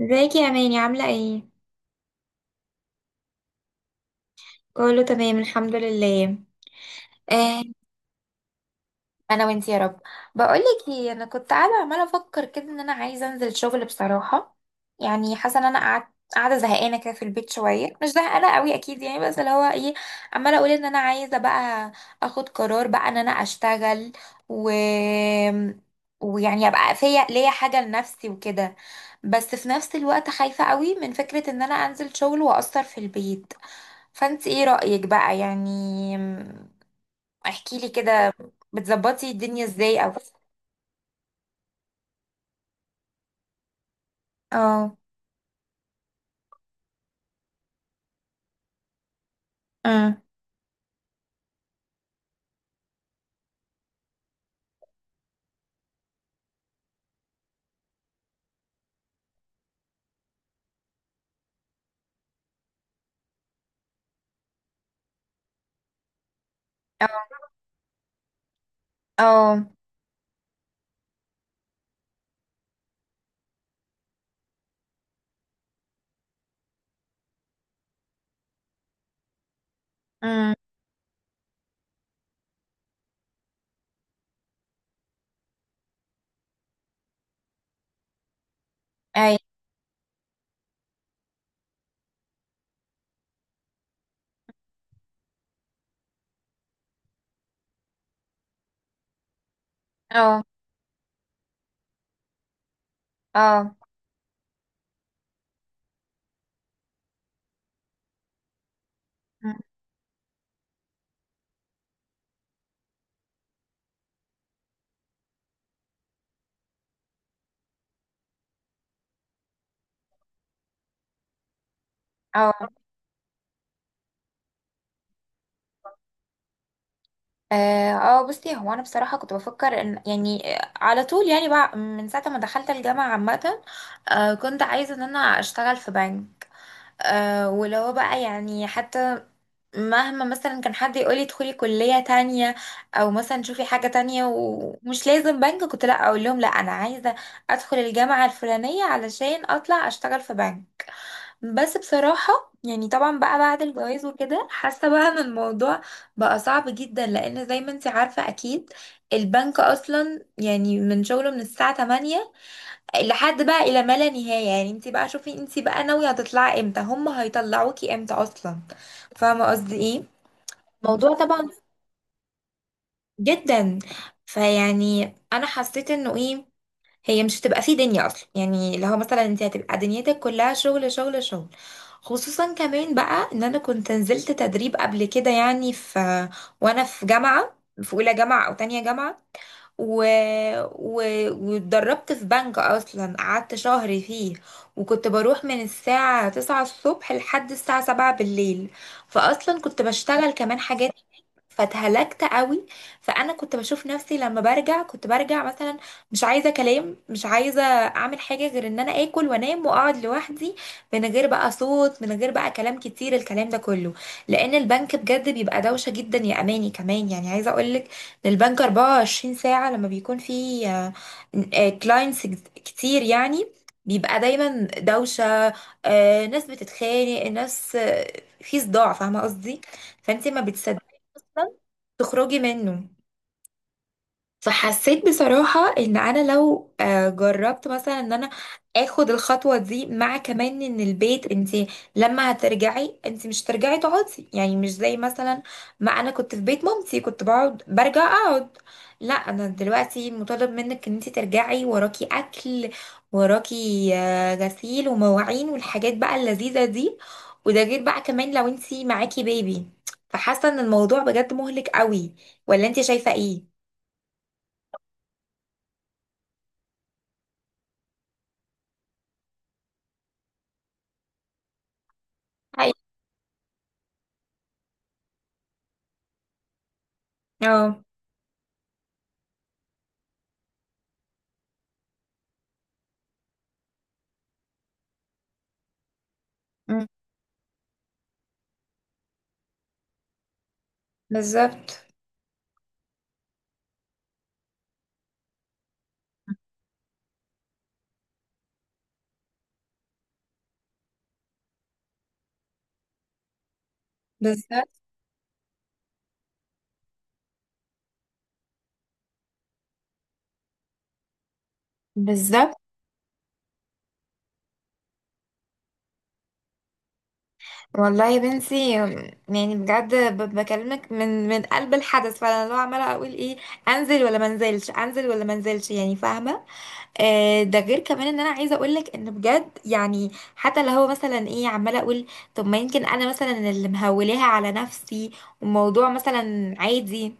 ازيك يا اماني؟ عامله ايه؟ كله تمام الحمد لله. آه، انا وانتي يا رب. بقولك ايه، انا كنت قاعده عماله افكر كده ان انا عايزه انزل شغل بصراحه. يعني حاسه ان انا قعدت قاعده زهقانه كده في البيت شويه، مش زهقانه قوي اكيد يعني، بس اللي هو ايه، عماله اقول ان انا عايزه بقى اخد قرار بقى ان انا اشتغل و ويعني ابقى فيا ليا حاجه لنفسي وكده. بس في نفس الوقت خايفه قوي من فكره ان انا انزل شغل واثر في البيت. فانت ايه رايك بقى يعني؟ احكي لي كده، بتظبطي الدنيا ازاي؟ او اه. اه. اه. اه. اي. اه. اه. أم، اه. اه. بصي، هو انا بصراحه كنت بفكر ان يعني، على طول يعني، بقى من ساعه ما دخلت الجامعه عامه كنت عايزه ان انا اشتغل في بنك. ولو بقى يعني، حتى مهما مثلا كان حد يقولي ادخلي كلية تانية او مثلا شوفي حاجة تانية ومش لازم بنك، كنت لا اقول لهم لا، انا عايزة ادخل الجامعة الفلانية علشان اطلع اشتغل في بنك. بس بصراحة يعني، طبعا بقى بعد الجواز وكده، حاسة بقى ان الموضوع بقى صعب جدا، لان زي ما انت عارفة اكيد البنك اصلا يعني من شغله من الساعة 8 لحد بقى الى ما لا نهايه. يعني انت بقى شوفي انت بقى ناويه هتطلعي امتى، هم هيطلعوكي امتى اصلا. فاهمه قصدي ايه؟ الموضوع طبعا جدا. فيعني انا حسيت انه ايه، هي مش هتبقى في دنيا اصلا، يعني لو مثلا انت هتبقى دنيتك كلها شغل شغل شغل. خصوصا كمان بقى ان انا كنت نزلت تدريب قبل كده يعني، في، وانا في جامعه، في اولى جامعه او تانية جامعه و... و... واتدربت في بنك اصلا، قعدت شهر فيه، وكنت بروح من الساعة تسعة الصبح لحد الساعة سبعة بالليل. فاصلا كنت بشتغل كمان حاجات، فاتهلكت قوي. فانا كنت بشوف نفسي لما برجع كنت برجع مثلا مش عايزه كلام، مش عايزه اعمل حاجه غير ان انا اكل وانام واقعد لوحدي، من غير بقى صوت، من غير بقى كلام كتير، الكلام ده كله، لان البنك بجد بيبقى دوشه جدا يا اماني. كمان يعني، عايزه اقول لك ان البنك 24 ساعه لما بيكون في كلاينتس كتير يعني بيبقى دايما دوشه. ناس بتتخانق، ناس في صداع. فاهمه قصدي؟ فانت ما بتصدقي تخرجي منه. فحسيت بصراحة ان انا لو جربت مثلا ان انا اخد الخطوة دي، مع كمان ان البيت، انت لما هترجعي انت مش هترجعي تقعدي يعني، مش زي مثلا ما انا كنت في بيت مامتي كنت بقعد برجع اقعد. لا، انا دلوقتي مطالب منك ان انت ترجعي وراكي اكل، وراكي غسيل ومواعين والحاجات بقى اللذيذة دي. وده غير بقى كمان لو انت معاكي بيبي. فحاسة ان الموضوع بجد مهلك قوي. ولا انت شايفة ايه؟ اه. مم. بالظبط. بالظبط. بالظبط. والله يا بنتي، يعني بجد بكلمك من قلب الحدث. فانا لو عماله اقول ايه، انزل ولا ما انزلش، انزل ولا ما انزلش يعني، فاهمه؟ ده غير كمان ان انا عايزه اقول لك ان بجد يعني، حتى اللي هو مثلا ايه، عماله اقول طب ما يمكن انا مثلا اللي مهولاها على نفسي، والموضوع مثلا عادي.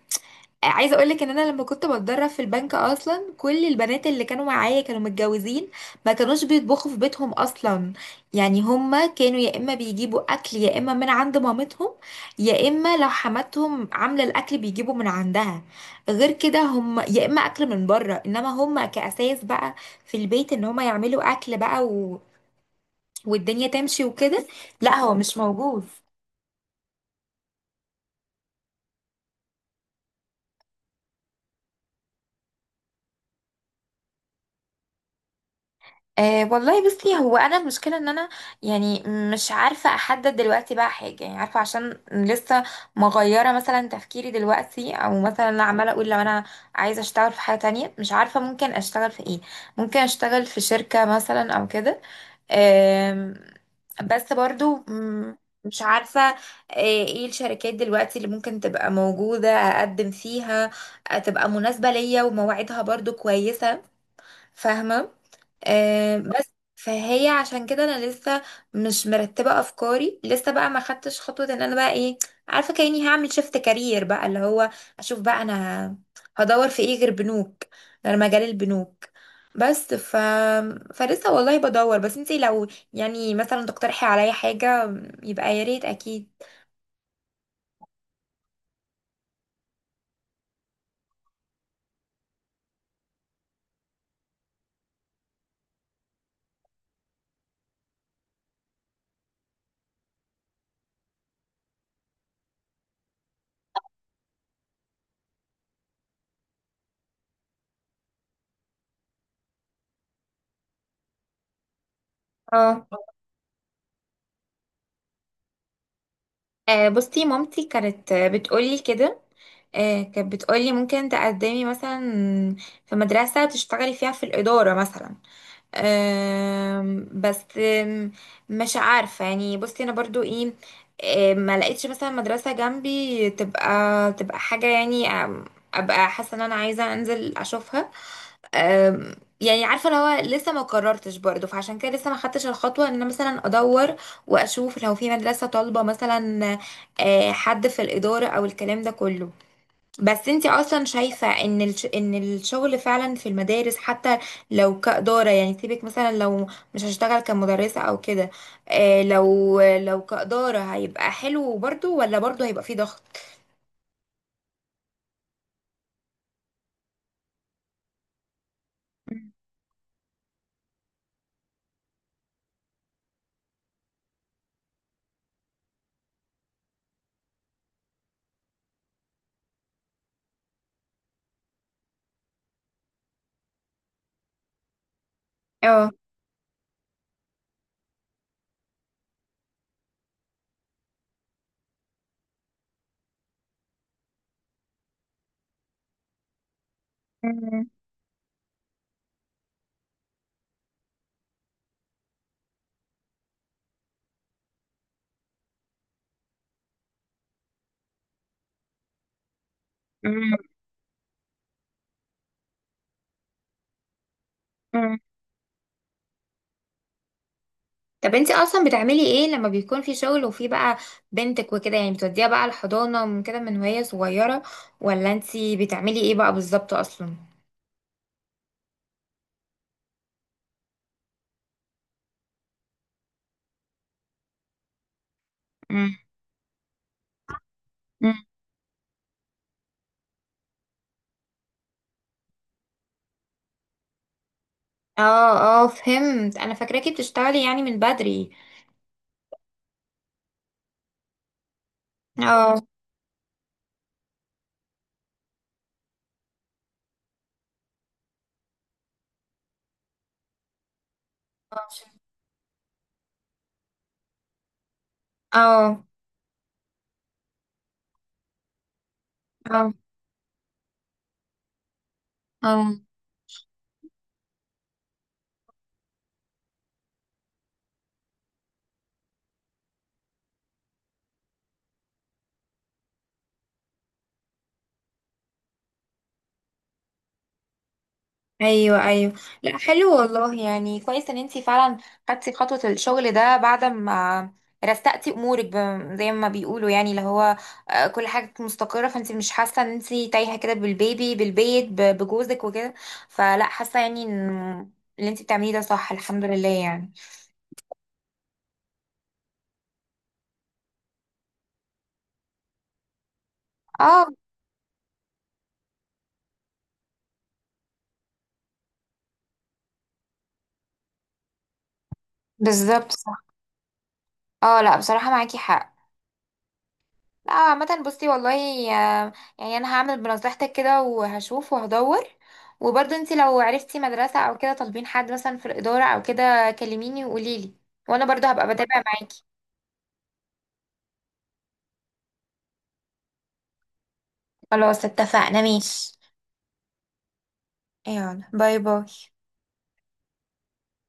عايزه اقول لك ان انا لما كنت بتدرب في البنك اصلا، كل البنات اللي كانوا معايا كانوا متجوزين، ما كانوش بيطبخوا في بيتهم اصلا. يعني هما كانوا يا اما بيجيبوا اكل يا اما من عند مامتهم، يا اما لو حماتهم عامله الاكل بيجيبوا من عندها. غير كده هم يا اما اكل من بره، انما هما كاساس بقى في البيت ان هما يعملوا اكل بقى والدنيا تمشي وكده، لا هو مش موجود. أه والله، بصي هو انا المشكله ان انا يعني مش عارفه احدد دلوقتي بقى حاجه، يعني عارفه عشان لسه مغيره مثلا تفكيري دلوقتي. او مثلا انا عماله اقول لو انا عايزه اشتغل في حاجه تانية، مش عارفه ممكن اشتغل في ايه. ممكن اشتغل في شركه مثلا او كده. أم، بس برضو، مش عارفه ايه الشركات دلوقتي اللي ممكن تبقى موجوده اقدم فيها، تبقى مناسبه ليا ومواعيدها برضو كويسه. فاهمه؟ بس فهي عشان كده انا لسه مش مرتبه افكاري، لسه بقى ما خدتش خطوه ان انا بقى ايه، عارفه، كاني هعمل شيفت كارير بقى، اللي هو اشوف بقى انا هدور في ايه غير بنوك، غير مجال البنوك. بس ف فلسه والله بدور. بس انتي لو يعني مثلا تقترحي عليا حاجه يبقى يا ريت اكيد. اه. بصي مامتي كانت بتقولي كده، كانت بتقولي ممكن تقدمي مثلا في مدرسة تشتغلي فيها في الإدارة مثلا. بس مش عارفة يعني. بصي أنا برضو إيه، ما لقيتش مثلا مدرسة جنبي تبقى حاجة يعني، أبقى حاسة إن أنا عايزة أنزل أشوفها. أم، يعني عارفه اللي هو لسه ما قررتش برضه، فعشان كده لسه ما خدتش الخطوه ان انا مثلا ادور واشوف لو في مدرسه طالبه مثلا، حد في الاداره او الكلام ده كله. بس انتي اصلا شايفه ان ان الشغل فعلا في المدارس، حتى لو كاداره يعني، سيبك مثلا لو مش هشتغل كمدرسه او كده، لو كاداره هيبقى حلو برضه، ولا برضه هيبقى فيه ضغط؟ اه. طب انت اصلا بتعملي ايه لما بيكون في شغل وفي بقى بنتك وكده يعني؟ بتوديها بقى الحضانة من كده، من وهي صغيرة؟ ولا انت بتعملي ايه بقى بالظبط اصلا؟ مم. مم. اه اه، فهمت. انا فاكراكي بتشتغلي يعني من بدري. اه. اه. اه. اه. ايوه ايوه. لا حلو والله، يعني كويس ان انتي فعلا خدتي خطوه الشغل ده بعد ما رستقتي امورك، زي ما بيقولوا يعني، اللي هو كل حاجه كانت مستقره، فانتي مش حاسه ان انتي تايهه كده بالبيبي بالبيت بجوزك وكده. فلا حاسه يعني ان اللي انتي بتعمليه ده صح الحمد لله يعني. اه. بالظبط، صح. اه لا بصراحه معاكي حق. لا عامة بصي والله، آه، يعني انا هعمل بنصيحتك كده وهشوف وهدور. وبرضه انت لو عرفتي مدرسة او كده طالبين حد مثلا في الإدارة او كده كلميني وقوليلي، وانا برضه هبقى بتابع معاكي. خلاص اتفقنا، ماشي. يلا باي باي.